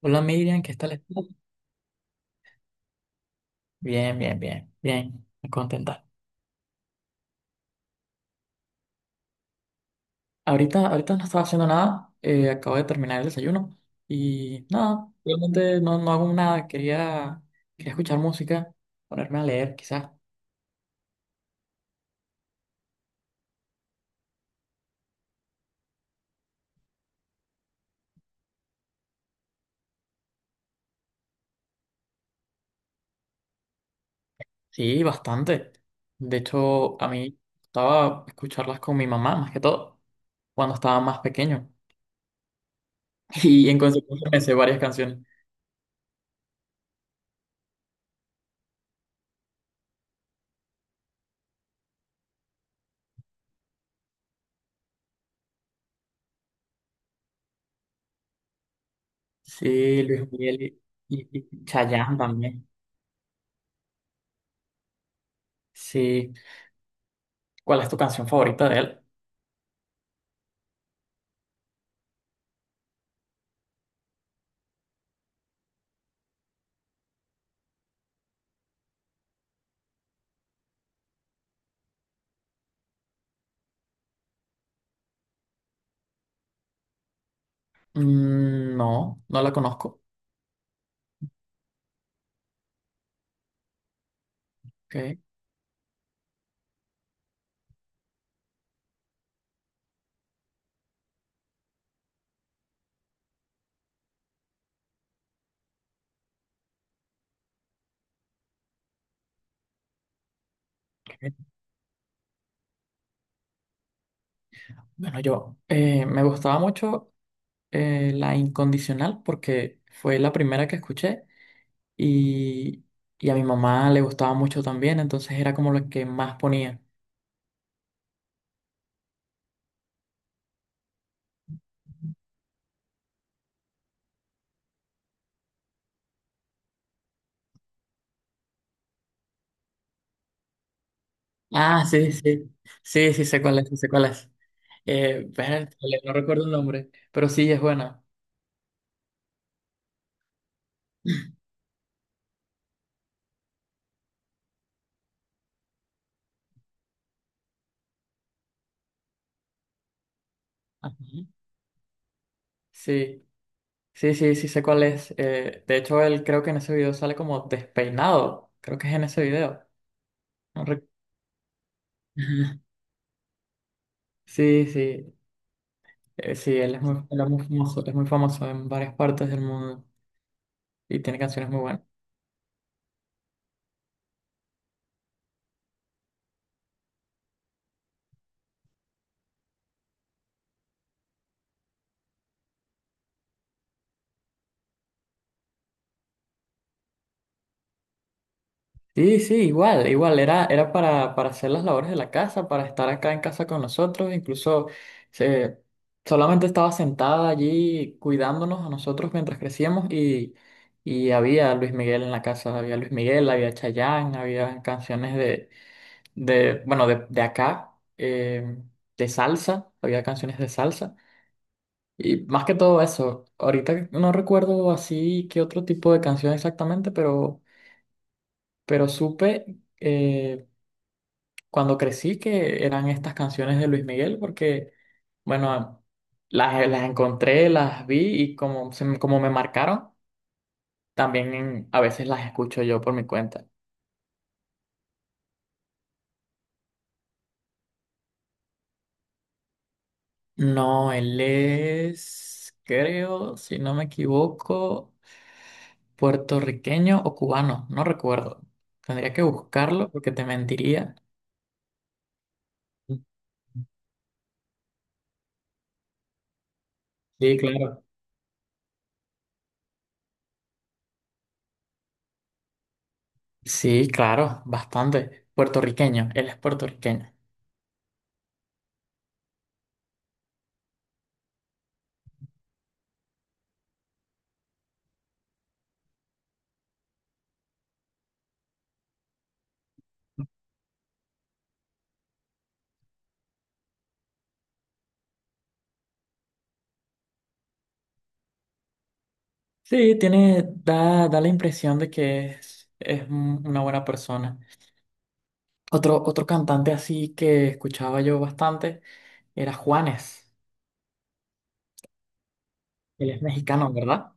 Hola Miriam, ¿qué tal estás? Bien, bien, bien, bien, muy contenta. Ahorita no estaba haciendo nada, acabo de terminar el desayuno y nada, realmente no hago nada, quería escuchar música, ponerme a leer quizás. Sí, bastante. De hecho, a mí estaba escucharlas con mi mamá más que todo, cuando estaba más pequeño y en consecuencia me sé varias canciones. Sí, Luis Miguel y Chayanne también. Sí, ¿cuál es tu canción favorita de él? Mm, no, no la conozco. Ok, ok. Bueno, yo me gustaba mucho La Incondicional porque fue la primera que escuché y, y a mi mamá le gustaba mucho también, entonces era como la que más ponía. Ah, sí, sí, sí, sí, sé cuál es, sí sé cuál es. Vértale, no recuerdo el nombre, pero sí es buena. Ajá. Sí, sí, sí, sí sé cuál es. De hecho, él creo que en ese video sale como despeinado, creo que es en ese video. No. Ajá. Sí, sí, sí, él es muy famoso en varias partes del mundo y tiene canciones muy buenas. Sí, sí, igual, igual, para hacer las labores de la casa, para estar acá en casa con nosotros, incluso se, solamente estaba sentada allí cuidándonos a nosotros mientras crecíamos y había Luis Miguel en la casa, había Luis Miguel, había Chayanne, había canciones de acá, eh, de salsa, había canciones de salsa. Y más que todo eso, ahorita no recuerdo así qué otro tipo de canción exactamente, pero supe eh, cuando crecí que eran estas canciones de Luis Miguel, porque, bueno, las encontré, las vi y como, como me marcaron, también a veces las escucho yo por mi cuenta. No, él es, creo, si no me equivoco, puertorriqueño o cubano, no recuerdo. Tendría que buscarlo porque te mentiría. Sí, claro. Sí, claro, bastante. Puertorriqueño, él es puertorriqueño. Sí, tiene, da, da la impresión de que es, una buena persona. Otro cantante así que escuchaba yo bastante era Juanes. Él es mexicano, ¿verdad?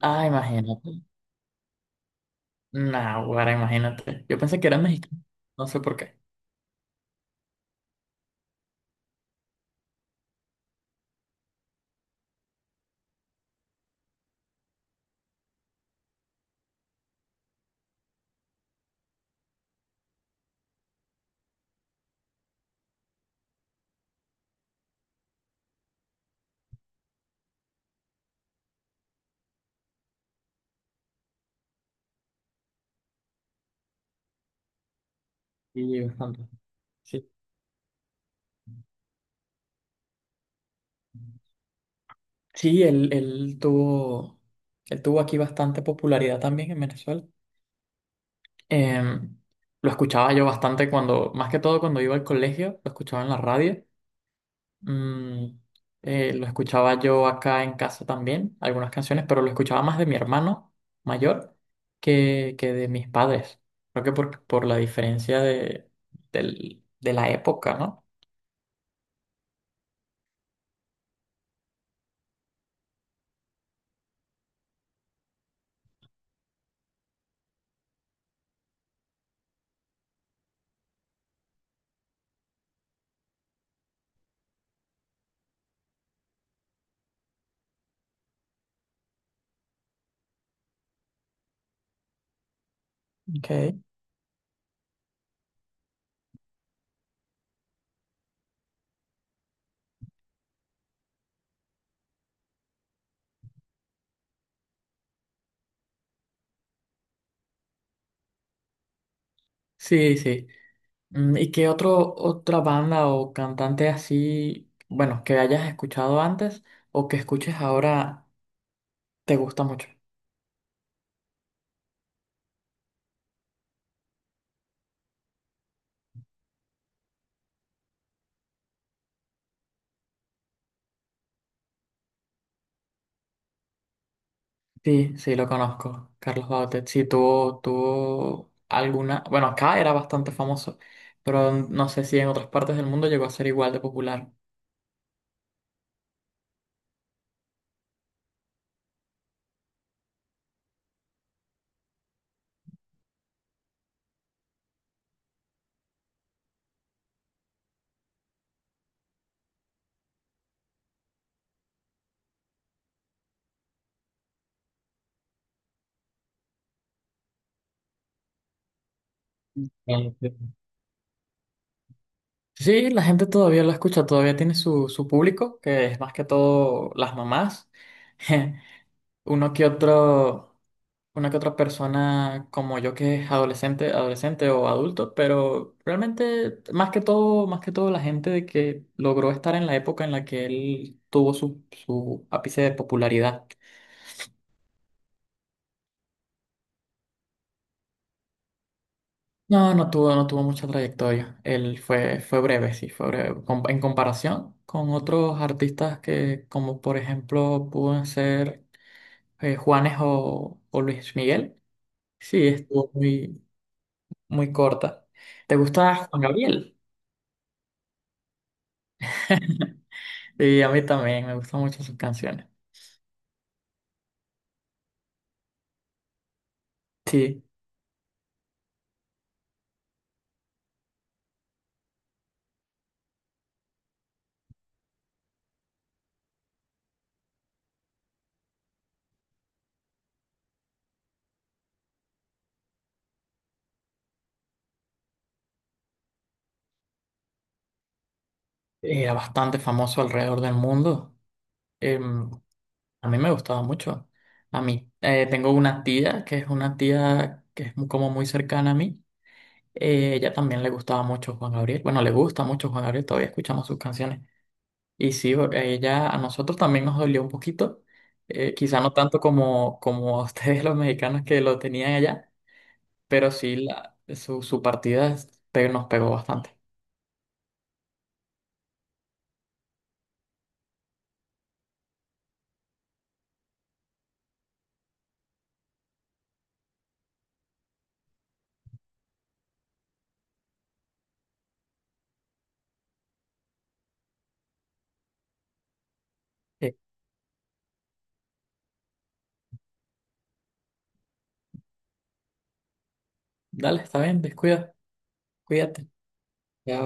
Ah, imagínate. Naguará, imagínate. Yo pensé que era mexicano. No sé por qué. Sí, bastante. Sí. Sí, él tuvo aquí bastante popularidad también en Venezuela. Em, lo escuchaba yo bastante cuando, más que todo cuando iba al colegio, lo escuchaba en la radio. Mm, lo escuchaba yo acá en casa también, algunas canciones, pero lo escuchaba más de mi hermano mayor que de mis padres. Creo que por la diferencia de la época, ¿no? Okay. Sí, sí. Mm, ¿y qué otro, otra banda o cantante así, bueno, que hayas escuchado antes o que escuches ahora te gusta mucho? Sí, sí, lo conozco, Carlos Bautet. Sí, tuvo, tuvo alguna… Bueno, acá era bastante famoso, pero no sé si en otras partes del mundo llegó a ser igual de popular. Bueno, sí. Sí, la gente todavía lo escucha, todavía tiene su, su público, que es más que todo las mamás. Uno que otro. Una que otra persona como yo que es adolescente, adolescente o adulto, pero realmente más que todo la gente de que logró estar en la época en la que él tuvo su, su ápice de popularidad. No, no tuvo, no tuvo mucha trayectoria. Él fue, fue breve, sí, fue breve. En comparación con otros artistas que, como por ejemplo, pueden ser Juanes o Luis Miguel. Sí, estuvo muy, muy corta. ¿Te gusta Juan Gabriel? Y a mí también me gustan mucho sus canciones. Sí, era bastante famoso alrededor del mundo. Em, a mí me gustaba mucho. A mí, tengo una tía que es una tía que es como muy cercana a mí. Ella también le gustaba mucho Juan Gabriel. Bueno, le gusta mucho Juan Gabriel, todavía escuchamos sus canciones. Y sí, a ella, a nosotros también nos dolió un poquito. Quizá no tanto como, como a ustedes los mexicanos que lo tenían allá, pero sí su, su partida nos pegó bastante. Dale, está bien, descuida, cuídate. Ya,